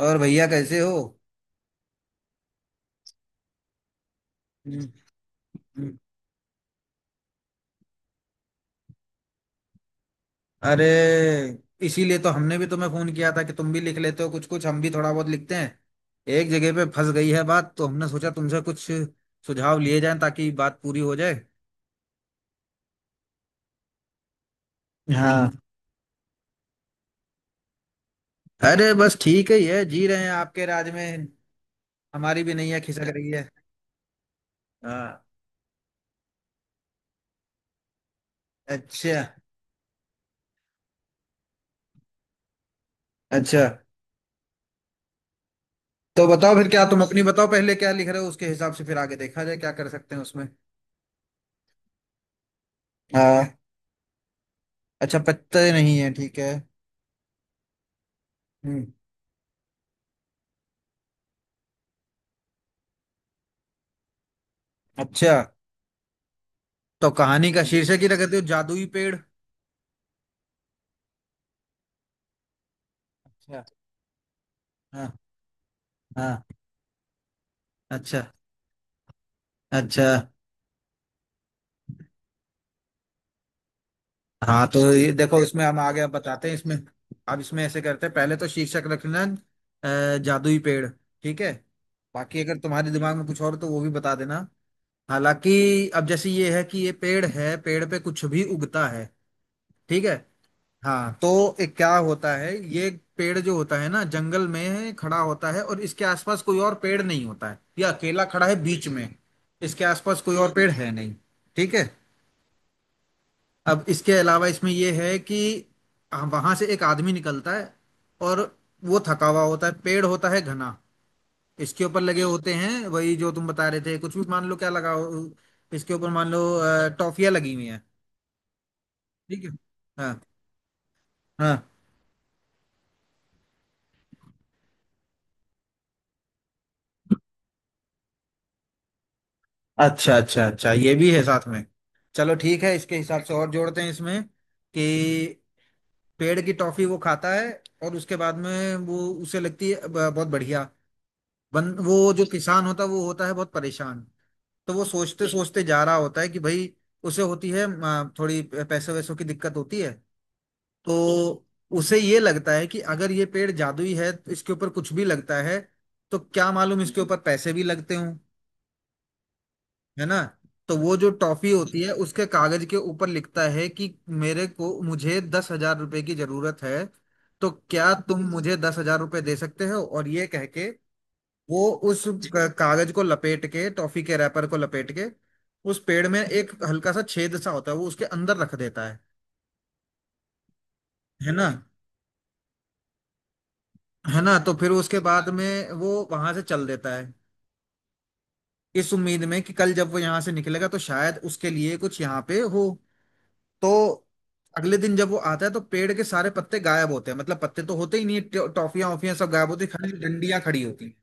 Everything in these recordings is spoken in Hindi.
और भैया कैसे हो। हम्म, हम्म। अरे, इसीलिए तो हमने भी तुम्हें फोन किया था कि तुम भी लिख लेते हो कुछ कुछ, हम भी थोड़ा बहुत लिखते हैं। एक जगह पे फंस गई है बात, तो हमने सोचा तुमसे कुछ सुझाव लिए जाएं, ताकि बात पूरी हो जाए। हाँ, अरे बस ठीक ही है, जी रहे हैं आपके राज में। हमारी भी नैया खिसक रही है। हाँ। अच्छा। अच्छा, तो बताओ फिर, क्या तुम अपनी बताओ पहले क्या लिख रहे हो, उसके हिसाब से फिर आगे देखा जाए क्या कर सकते हैं उसमें। हाँ। अच्छा, पत्ते नहीं है, ठीक है। हम्म। अच्छा, तो कहानी का शीर्षक ही रख देते हो जादुई पेड़। अच्छा। हाँ। हाँ। अच्छा। अच्छा। हाँ, तो ये देखो, इसमें हम आगे अब बताते हैं इसमें। अब इसमें ऐसे करते हैं, पहले तो शीर्षक रखना जादुई पेड़। ठीक है। बाकी अगर तुम्हारे दिमाग में कुछ और हो, तो वो भी बता देना। हालांकि अब जैसे ये है कि ये पेड़ है, पेड़ पे कुछ भी उगता है। ठीक है। हाँ, तो एक क्या होता है ये, पेड़ जो होता है ना, जंगल में खड़ा होता है, और इसके आसपास कोई और पेड़ नहीं होता है, ये अकेला खड़ा है बीच में। इसके आसपास कोई और पेड़ है नहीं। ठीक है। अब इसके अलावा इसमें ये है कि वहां से एक आदमी निकलता है, और वो थका हुआ होता है, पेड़ होता है घना। इसके ऊपर लगे होते हैं वही जो तुम बता रहे थे, कुछ भी मान लो क्या लगा हो। इसके ऊपर मान लो टॉफियां लगी हुई हैं। ठीक है। हाँ। हाँ। अच्छा अच्छा अच्छा, ये भी है साथ में। चलो ठीक है, इसके हिसाब से और जोड़ते हैं इसमें कि पेड़ की टॉफी वो खाता है, और उसके बाद में वो उसे लगती है बहुत बढ़िया। बन, वो जो किसान होता है वो होता है बहुत परेशान। तो वो सोचते सोचते जा रहा होता है कि भाई, उसे होती है थोड़ी पैसे वैसों की दिक्कत होती है। तो उसे ये लगता है कि अगर ये पेड़ जादुई है तो इसके ऊपर कुछ भी लगता है, तो क्या मालूम इसके ऊपर पैसे भी लगते हों। है ना। तो वो जो टॉफी होती है उसके कागज के ऊपर लिखता है कि मेरे को मुझे दस हजार रुपए की जरूरत है, तो क्या तुम मुझे 10,000 रुपए दे सकते हो, और ये कह के वो उस कागज को लपेट के, टॉफी के रैपर को लपेट के, उस पेड़ में एक हल्का सा छेद सा होता है वो उसके अंदर रख देता है। है ना। है ना, तो फिर उसके बाद में वो वहां से चल देता है इस उम्मीद में कि कल जब वो यहाँ से निकलेगा तो शायद उसके लिए कुछ यहाँ पे हो। तो अगले दिन जब वो आता है तो पेड़ के सारे पत्ते गायब होते हैं, मतलब पत्ते तो होते ही नहीं है, टॉफियां वॉफियां सब गायब होती है, खाली डंडियां खड़ी होती हैं।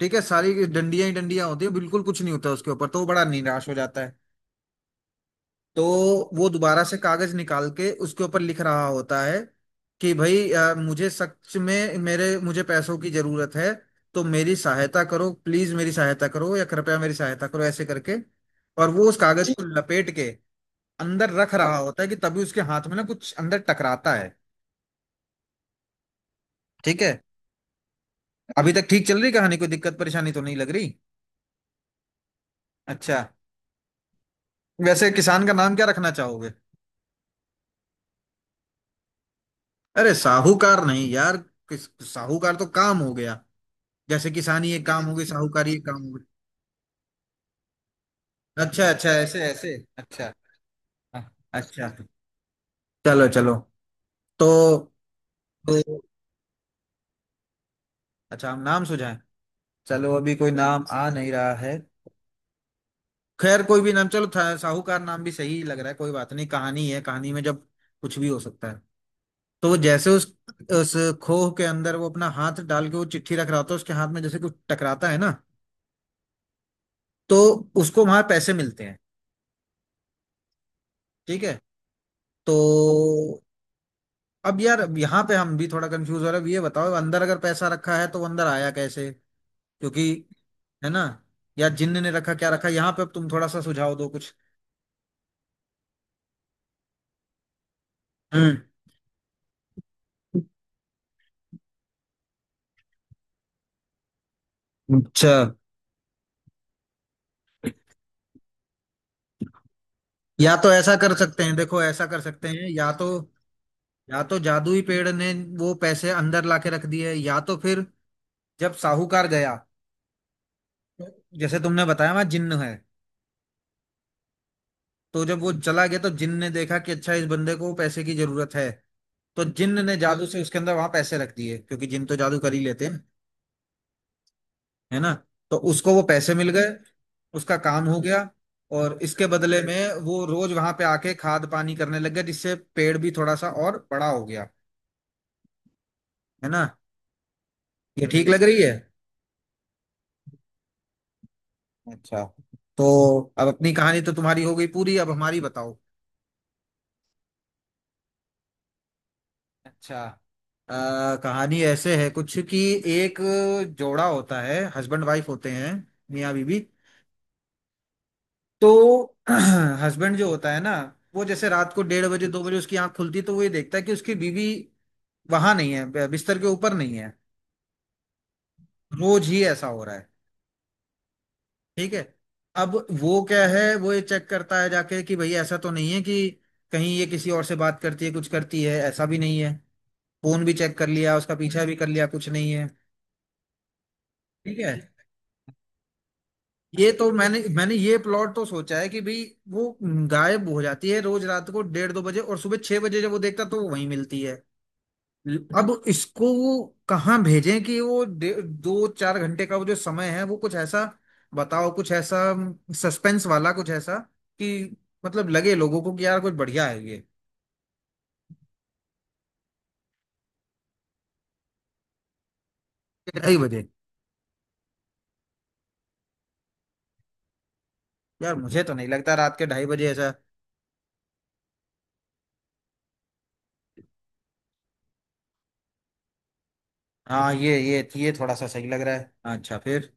ठीक है, सारी डंडियां ही डंडियां होती है, बिल्कुल कुछ नहीं होता उसके ऊपर, तो वो बड़ा निराश हो जाता है। तो वो दोबारा से कागज निकाल के उसके ऊपर लिख रहा होता है कि भाई, मुझे सच में मेरे मुझे पैसों की जरूरत है, तो मेरी सहायता करो, प्लीज मेरी सहायता करो, या कृपया मेरी सहायता करो, ऐसे करके। और वो उस कागज को लपेट के अंदर रख रहा होता है कि तभी उसके हाथ में ना कुछ अंदर टकराता है। ठीक है। अभी तक ठीक चल रही कहानी, कोई दिक्कत परेशानी तो नहीं लग रही। अच्छा, वैसे किसान का नाम क्या रखना चाहोगे। अरे साहूकार नहीं यार, किस, साहूकार तो काम हो गया। जैसे किसानी एक काम हो गई, साहूकारी एक काम हो गई। अच्छा अच्छा, ऐसे ऐसे, अच्छा। हाँ, अच्छा। चलो चलो, तो, तो अच्छा हम नाम सुझाएं, चलो अभी कोई नाम आ नहीं रहा है। खैर कोई भी नाम, चलो साहूकार नाम भी सही लग रहा है, कोई बात नहीं, कहानी है, कहानी में जब कुछ भी हो सकता है। तो वो जैसे उस खोह के अंदर वो अपना हाथ डाल के वो चिट्ठी रख रहा होता है, उसके हाथ में जैसे कुछ टकराता है ना, तो उसको वहां पैसे मिलते हैं। ठीक है। तो अब यार, अब यहाँ पे हम भी थोड़ा कंफ्यूज हो रहे हैं। अब ये बताओ, अंदर अगर पैसा रखा है, तो वो अंदर आया कैसे, क्योंकि, है ना, या जिन्न ने रखा, क्या रखा यहाँ पे, अब तुम थोड़ा सा सुझाव दो कुछ। हम्म। अच्छा, या तो ऐसा कर सकते हैं, देखो ऐसा कर सकते हैं, या तो, या तो जादुई पेड़ ने वो पैसे अंदर लाके रख दिए, या तो फिर जब साहूकार गया, तो जैसे तुमने बताया वहां जिन्न है, तो जब वो चला गया तो जिन्न ने देखा कि अच्छा इस बंदे को पैसे की जरूरत है, तो जिन्न ने जादू से उसके अंदर वहां पैसे रख दिए, क्योंकि जिन्न तो जादू कर ही लेते हैं। है ना। तो उसको वो पैसे मिल गए, उसका काम हो गया। और इसके बदले में वो रोज वहां पे आके खाद पानी करने लग गया, जिससे पेड़ भी थोड़ा सा और बड़ा हो गया। है ना। ये ठीक लग रही है। अच्छा, तो अब अपनी कहानी तो तुम्हारी हो गई पूरी, अब हमारी बताओ। अच्छा, कहानी ऐसे है कुछ कि एक जोड़ा होता है, हस्बैंड वाइफ होते हैं, मियाँ बीवी। तो हस्बैंड जो होता है ना, वो जैसे रात को 1:30 बजे, 2 बजे उसकी आंख खुलती है, तो वो ये देखता है कि उसकी बीवी वहां नहीं है, बिस्तर के ऊपर नहीं है। रोज ही ऐसा हो रहा है। ठीक है। अब वो क्या है, वो ये चेक करता है जाके कि भाई, ऐसा तो नहीं है कि कहीं ये किसी और से बात करती है, कुछ करती है, ऐसा भी नहीं है। फोन भी चेक कर लिया, उसका पीछा भी कर लिया, कुछ नहीं है। ठीक है। ये तो मैंने मैंने ये प्लॉट तो सोचा है कि भाई, वो गायब हो जाती है रोज रात को 1-2 बजे, और सुबह 6 बजे जब वो देखता तो वो वहीं मिलती है। अब इसको वो कहाँ भेजें कि वो दो चार घंटे का वो जो समय है, वो कुछ ऐसा बताओ, कुछ ऐसा सस्पेंस वाला कुछ ऐसा कि, मतलब लगे लोगों को कि यार कुछ बढ़िया है ये। 2:30 बजे, यार मुझे तो नहीं लगता रात के 2:30 बजे ऐसा। हाँ, ये थोड़ा सा सही लग रहा है, अच्छा फिर।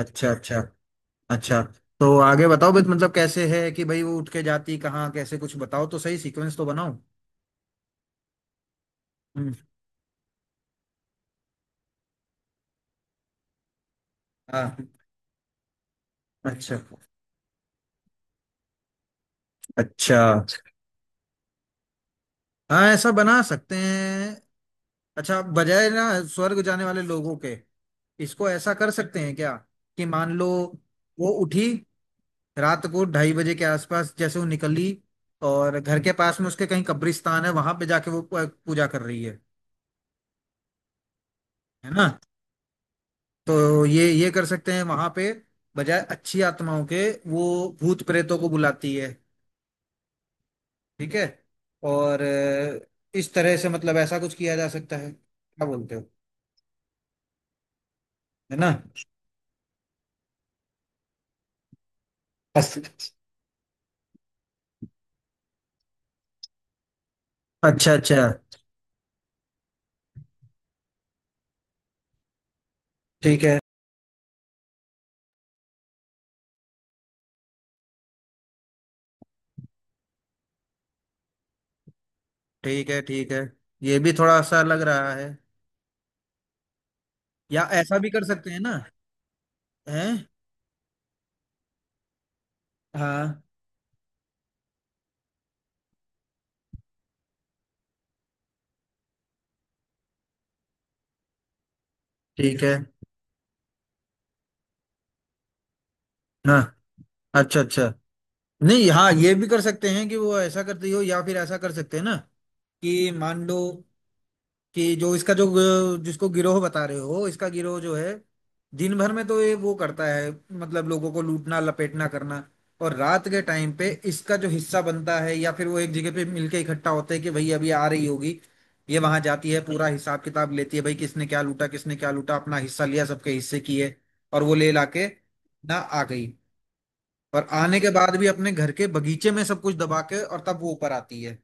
अच्छा अच्छा अच्छा, तो आगे बताओ बस, मतलब कैसे है कि भाई वो उठ के जाती कहाँ कैसे, कुछ बताओ तो सही, सीक्वेंस तो बनाओ। हम्म। हाँ। अच्छा। अच्छा। हाँ, ऐसा बना सकते हैं। अच्छा, बजाय ना स्वर्ग जाने वाले लोगों के, इसको ऐसा कर सकते हैं क्या कि मान लो वो उठी, रात को 2:30 बजे के आसपास जैसे वो निकली, और घर के पास में उसके कहीं कब्रिस्तान है, वहां पे जाके वो पूजा कर रही है। है ना। तो ये कर सकते हैं वहां पे, बजाय अच्छी आत्माओं के वो भूत प्रेतों को बुलाती है। ठीक है। और इस तरह से, मतलब ऐसा कुछ किया जा सकता है, क्या बोलते हो। है ना। बस- अच्छा अच्छा। ठीक है, ठीक है। ठीक है, ये भी थोड़ा सा लग रहा है। या ऐसा भी कर सकते हैं ना, है। हाँ। ठीक है, हाँ। अच्छा अच्छा। नहीं हाँ, ये भी कर सकते हैं कि वो ऐसा करती हो, या फिर ऐसा कर सकते हैं ना कि मान लो कि जो इसका जो जिसको गिरोह बता रहे हो, इसका गिरोह जो है, दिन भर में तो ये वो करता है, मतलब लोगों को लूटना लपेटना करना, और रात के टाइम पे इसका जो हिस्सा बनता है, या फिर वो एक जगह पे मिलके इकट्ठा होते हैं कि भाई अभी आ रही होगी, ये वहां जाती है, पूरा हिसाब किताब लेती है, भाई किसने क्या लूटा किसने क्या लूटा, अपना हिस्सा लिया, सबके हिस्से किए, और वो ले लाके ना आ गई, और आने के बाद भी अपने घर के बगीचे में सब कुछ दबा के, और तब वो ऊपर आती है।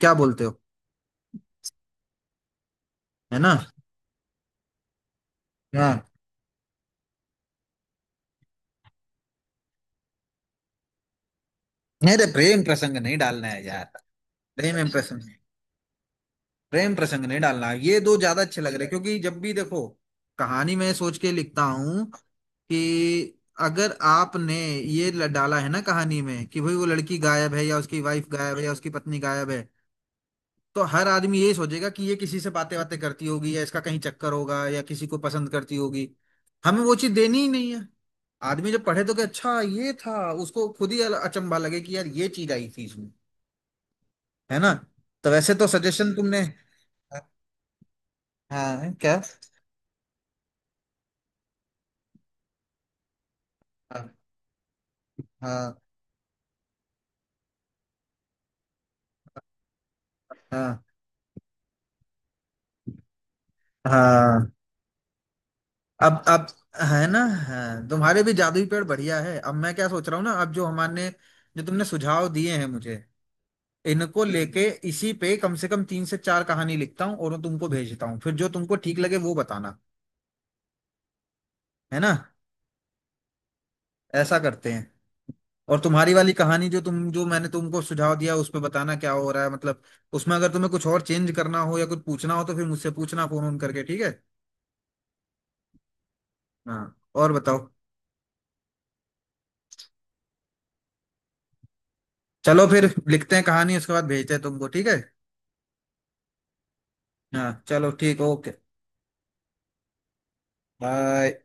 क्या बोलते हो। है ना। हाँ, अरे प्रेम प्रसंग नहीं डालना है यार। प्रेम एंड प्रसंग, प्रेम प्रसंग नहीं डालना है। ये दो ज्यादा अच्छे लग रहे हैं, क्योंकि जब भी देखो कहानी में सोच के लिखता हूँ कि अगर आपने ये डाला है ना कहानी में कि भाई वो लड़की गायब है, या उसकी वाइफ गायब है, या उसकी पत्नी गायब है, तो हर आदमी ये सोचेगा कि ये किसी से बातें बातें करती होगी, या इसका कहीं चक्कर होगा, या किसी को पसंद करती होगी। हमें वो चीज देनी ही नहीं है। आदमी जब पढ़े तो कि अच्छा ये था, उसको खुद ही अचंभा लगे कि यार ये चीज आई थी इसमें। है ना। तो वैसे तो सजेशन तुमने, हाँ क्या। हाँ। हाँ। हाँ। हाँ। अब, है ना, हाँ, तुम्हारे भी जादुई पेड़ बढ़िया है। अब मैं क्या सोच रहा हूँ ना, अब जो हमारे, जो तुमने सुझाव दिए हैं मुझे, इनको लेके इसी पे कम से कम तीन से चार कहानी लिखता हूँ, और वो तुमको भेजता हूँ, फिर जो तुमको ठीक लगे वो बताना। है ना। ऐसा करते हैं। और तुम्हारी वाली कहानी जो तुम, जो मैंने तुमको सुझाव दिया उस पे बताना क्या हो रहा है, मतलब उसमें अगर तुम्हें कुछ और चेंज करना हो या कुछ पूछना हो, तो फिर मुझसे पूछना फोन ऑन करके, ठीक है। हाँ, और बताओ। चलो फिर, लिखते हैं कहानी, उसके बाद भेजते हैं तुमको, ठीक है। हाँ, चलो ठीक, ओके, बाय।